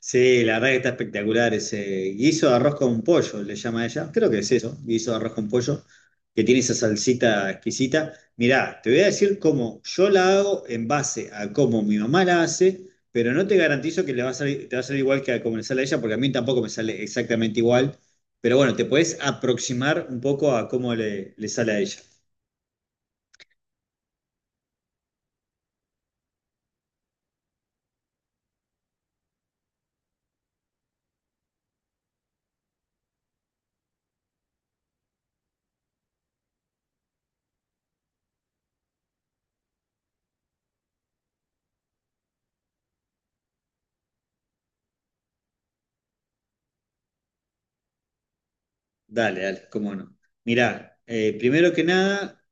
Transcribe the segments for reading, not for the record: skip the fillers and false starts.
Sí, la verdad que está espectacular ese guiso de arroz con pollo, le llama ella. Creo que es eso, guiso de arroz con pollo, que tiene esa salsita exquisita. Mirá, te voy a decir cómo yo la hago en base a cómo mi mamá la hace, pero no te garantizo que le va a salir, te va a salir igual que a como le sale a ella, porque a mí tampoco me sale exactamente igual. Pero bueno, te puedes aproximar un poco a cómo le sale a ella. Dale, dale, cómo no. Mirá, primero que nada.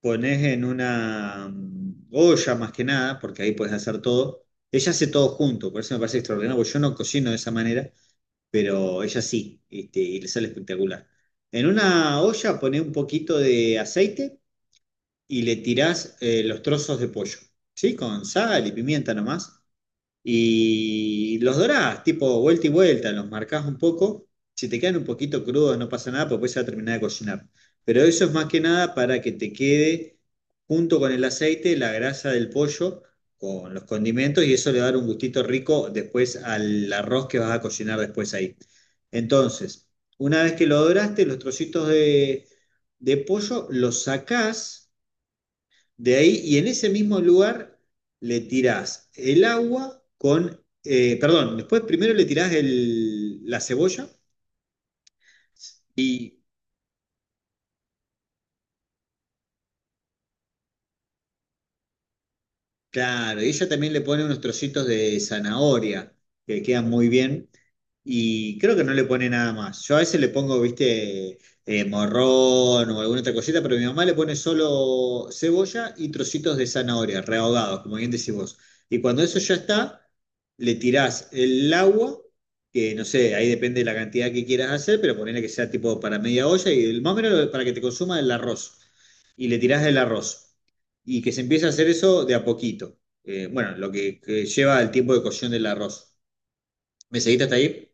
Pones en una olla más que nada, porque ahí puedes hacer todo. Ella hace todo junto, por eso me parece extraordinario, porque yo no cocino de esa manera, pero ella sí, y le sale espectacular. En una olla pones un poquito de aceite y le tirás los trozos de pollo, ¿sí? Con sal y pimienta nomás. Y los dorás, tipo vuelta y vuelta, los marcás un poco. Si te quedan un poquito crudos, no pasa nada, porque después se va a terminar de cocinar. Pero eso es más que nada para que te quede junto con el aceite la grasa del pollo con los condimentos y eso le va a dar un gustito rico después al arroz que vas a cocinar después ahí. Entonces, una vez que lo doraste, los trocitos de pollo los sacás de ahí, y en ese mismo lugar le tirás el agua con, perdón, después primero le tirás la cebolla y. Claro, y ella también le pone unos trocitos de zanahoria que quedan muy bien y creo que no le pone nada más. Yo a veces le pongo, viste, morrón o alguna otra cosita, pero mi mamá le pone solo cebolla y trocitos de zanahoria, rehogados, como bien decís vos. Y cuando eso ya está, le tirás el agua, que no sé, ahí depende de la cantidad que quieras hacer, pero ponele que sea tipo para media olla y más o menos para que te consuma el arroz y le tirás del arroz. Y que se empiece a hacer eso de a poquito. Bueno, que lleva el tiempo de cocción del arroz. ¿Me seguiste hasta ahí?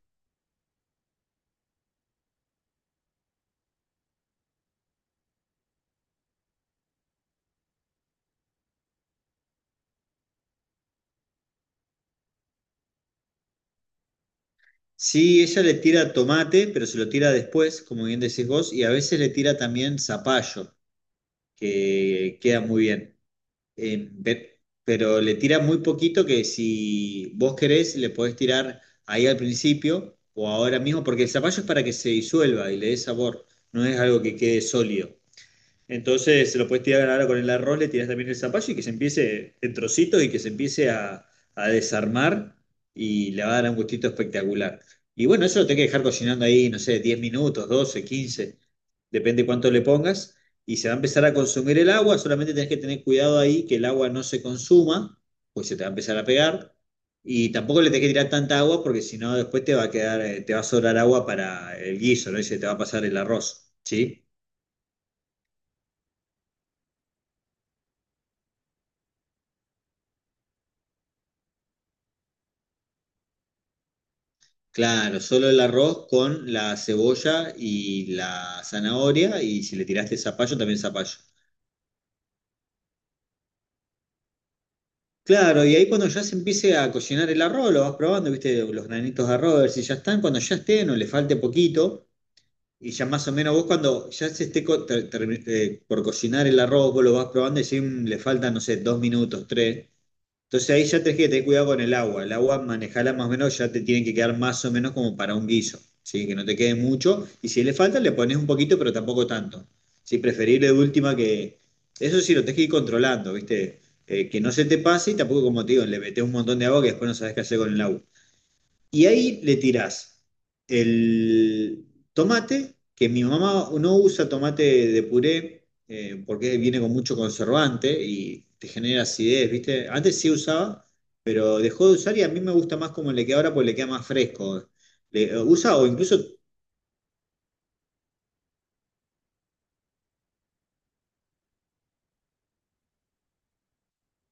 Sí, ella le tira tomate, pero se lo tira después, como bien decís vos, y a veces le tira también zapallo, que queda muy bien. Pero le tira muy poquito que si vos querés, le podés tirar ahí al principio o ahora mismo, porque el zapallo es para que se disuelva y le dé sabor, no es algo que quede sólido. Entonces se lo puedes tirar ahora con el arroz, le tiras también el zapallo y que se empiece en trocitos y que se empiece a desarmar y le va a dar un gustito espectacular. Y bueno, eso lo tenés que dejar cocinando ahí, no sé, 10 minutos, 12, 15, depende cuánto le pongas. Y se va a empezar a consumir el agua, solamente tenés que tener cuidado ahí que el agua no se consuma, pues se te va a empezar a pegar. Y tampoco le tenés que tirar tanta agua porque si no después te va a quedar, te va a sobrar agua para el guiso, ¿no? Y se te va a pasar el arroz, ¿sí? Claro, solo el arroz con la cebolla y la zanahoria y si le tiraste zapallo, también zapallo. Claro, y ahí cuando ya se empiece a cocinar el arroz, lo vas probando, viste, los granitos de arroz, a ver si ya están, cuando ya estén o le falte poquito, y ya más o menos vos cuando ya se esté por cocinar el arroz, vos lo vas probando y si le faltan, no sé, 2 minutos, 3. Entonces ahí ya tenés que tener cuidado con el agua. El agua, manejala más o menos, ya te tiene que quedar más o menos como para un guiso, ¿sí? Que no te quede mucho. Y si le falta, le pones un poquito, pero tampoco tanto. ¿Sí? Preferible de última que... Eso sí, lo tenés que ir controlando, ¿viste? Que no se te pase y tampoco, como te digo, le metes un montón de agua que después no sabés qué hacer con el agua. Y ahí le tirás el tomate, que mi mamá no usa tomate de puré porque viene con mucho conservante y te genera acidez, ¿viste? Antes sí usaba, pero dejó de usar y a mí me gusta más como le queda ahora porque le queda más fresco. Le, usa o incluso.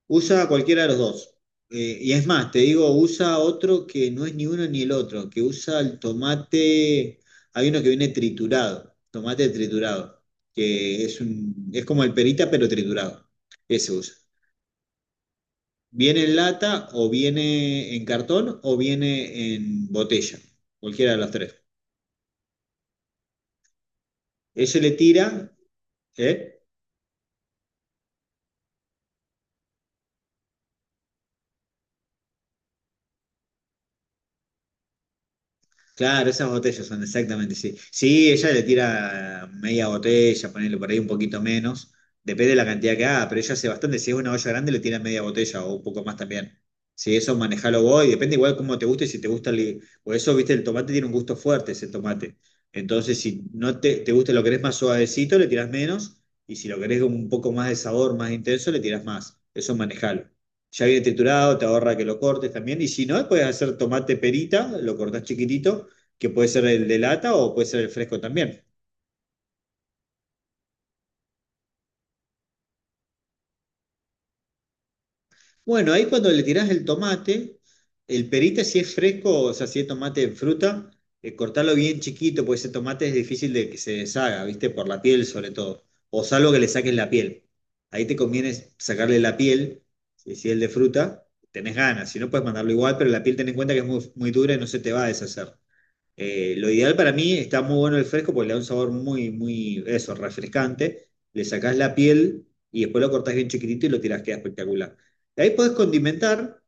Usa cualquiera de los dos. Y es más, te digo, usa otro que no es ni uno ni el otro, que usa el tomate, hay uno que viene triturado, tomate triturado, que es como el perita pero triturado. Ese usa. Viene en lata o viene en cartón o viene en botella, cualquiera de los tres. Ese le tira, ¿eh? Claro, esas botellas son exactamente, sí. Sí, ella le tira media botella, ponele por ahí un poquito menos, depende de la cantidad que haga, pero ella hace bastante, si es una olla grande le tira media botella o un poco más también. Sí, eso manejalo vos, y depende igual cómo te guste, si te gusta el... Por eso, viste, el tomate tiene un gusto fuerte, ese tomate. Entonces, si no te gusta, lo querés más suavecito, le tirás menos, y si lo querés un poco más de sabor, más intenso, le tirás más. Eso manejalo, ya viene triturado, te ahorra que lo cortes también. Y si no, puedes hacer tomate perita, lo cortás chiquitito que puede ser el de lata o puede ser el fresco también. Bueno, ahí cuando le tirás el tomate, el perita si es fresco, o sea, si es tomate en fruta, cortarlo bien chiquito, porque ese tomate es difícil de que se deshaga, ¿viste? Por la piel sobre todo, o salvo que le saques la piel. Ahí te conviene sacarle la piel, si es el de fruta, tenés ganas, si no puedes mandarlo igual, pero la piel ten en cuenta que es muy, muy dura y no se te va a deshacer. Lo ideal para mí está muy bueno el fresco porque le da un sabor muy, muy, eso, refrescante. Le sacás la piel y después lo cortás bien chiquitito y lo tirás, queda espectacular. De ahí podés condimentar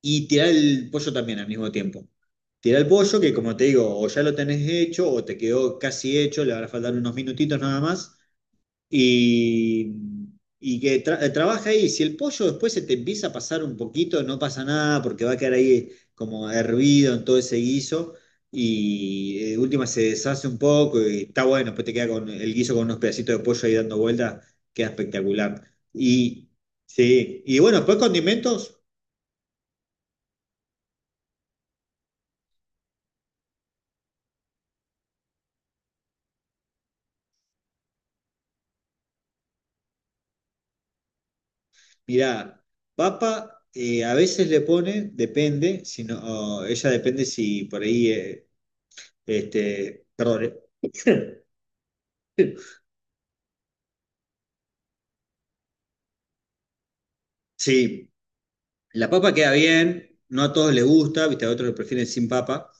y tirar el pollo también al mismo tiempo. Tirar el pollo que, como te digo, o ya lo tenés hecho o te quedó casi hecho, le van a faltar unos minutitos nada más. Y, trabaja ahí. Si el pollo después se te empieza a pasar un poquito, no pasa nada porque va a quedar ahí como hervido en todo ese guiso y de última se deshace un poco y está bueno. Después te queda con el guiso con unos pedacitos de pollo ahí dando vueltas, queda espectacular. Y sí, y bueno, después condimentos, mirá, papa. A veces le pone, depende, si no, o ella depende si por ahí, perdón, sí, la papa queda bien, no a todos les gusta, viste, a otros lo prefieren sin papa,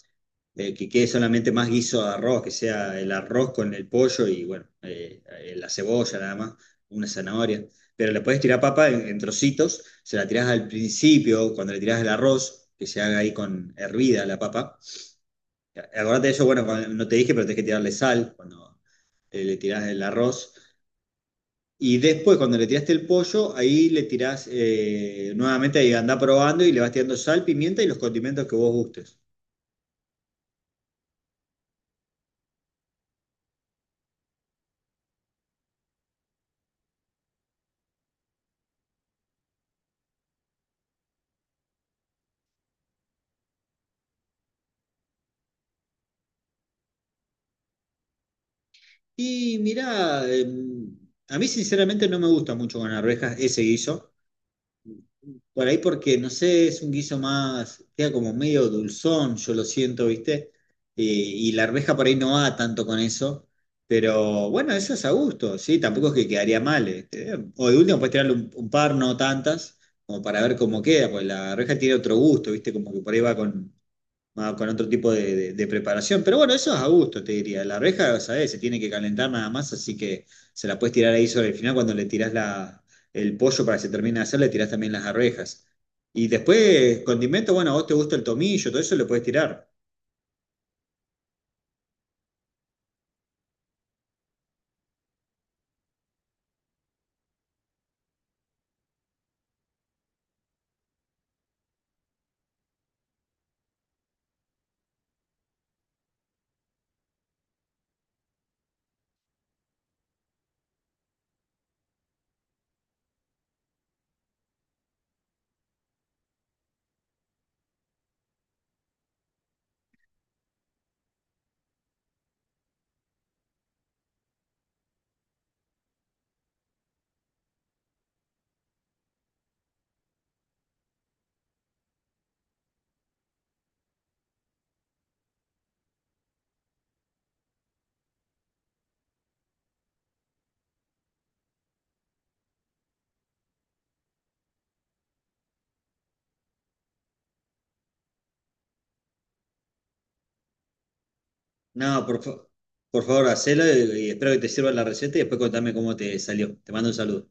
que quede solamente más guiso de arroz, que sea el arroz con el pollo y bueno, la cebolla nada más, una zanahoria. Pero le puedes tirar papa en trocitos, se la tirás al principio, cuando le tirás el arroz, que se haga ahí con hervida la papa. Acordate de eso, bueno, no te dije, pero tenés que tirarle sal cuando le tirás el arroz y después, cuando le tiraste el pollo, ahí le tirás nuevamente, ahí andá probando y le vas tirando sal, pimienta y los condimentos que vos gustes. Y mirá, a mí sinceramente no me gusta mucho con arvejas ese guiso. Por ahí porque, no sé, es un guiso más, queda como medio dulzón, yo lo siento, ¿viste? Y la arveja por ahí no va tanto con eso, pero bueno, eso es a gusto, ¿sí? Tampoco es que quedaría mal. O de último puedes tirarle un par, no tantas, como para ver cómo queda, porque la arveja tiene otro gusto, ¿viste? Como que por ahí va con, más con otro tipo de preparación. Pero bueno, eso es a gusto, te diría. La arveja, ¿sabes? Se tiene que calentar nada más, así que se la puedes tirar ahí sobre el final cuando le tirás el pollo para que se termine de hacer, le tirás también las arvejas. Y después, condimento, bueno, a vos te gusta el tomillo, todo eso le puedes tirar. No, por, fa- por favor, hacelo y espero que te sirva la receta y después contame cómo te salió. Te mando un saludo.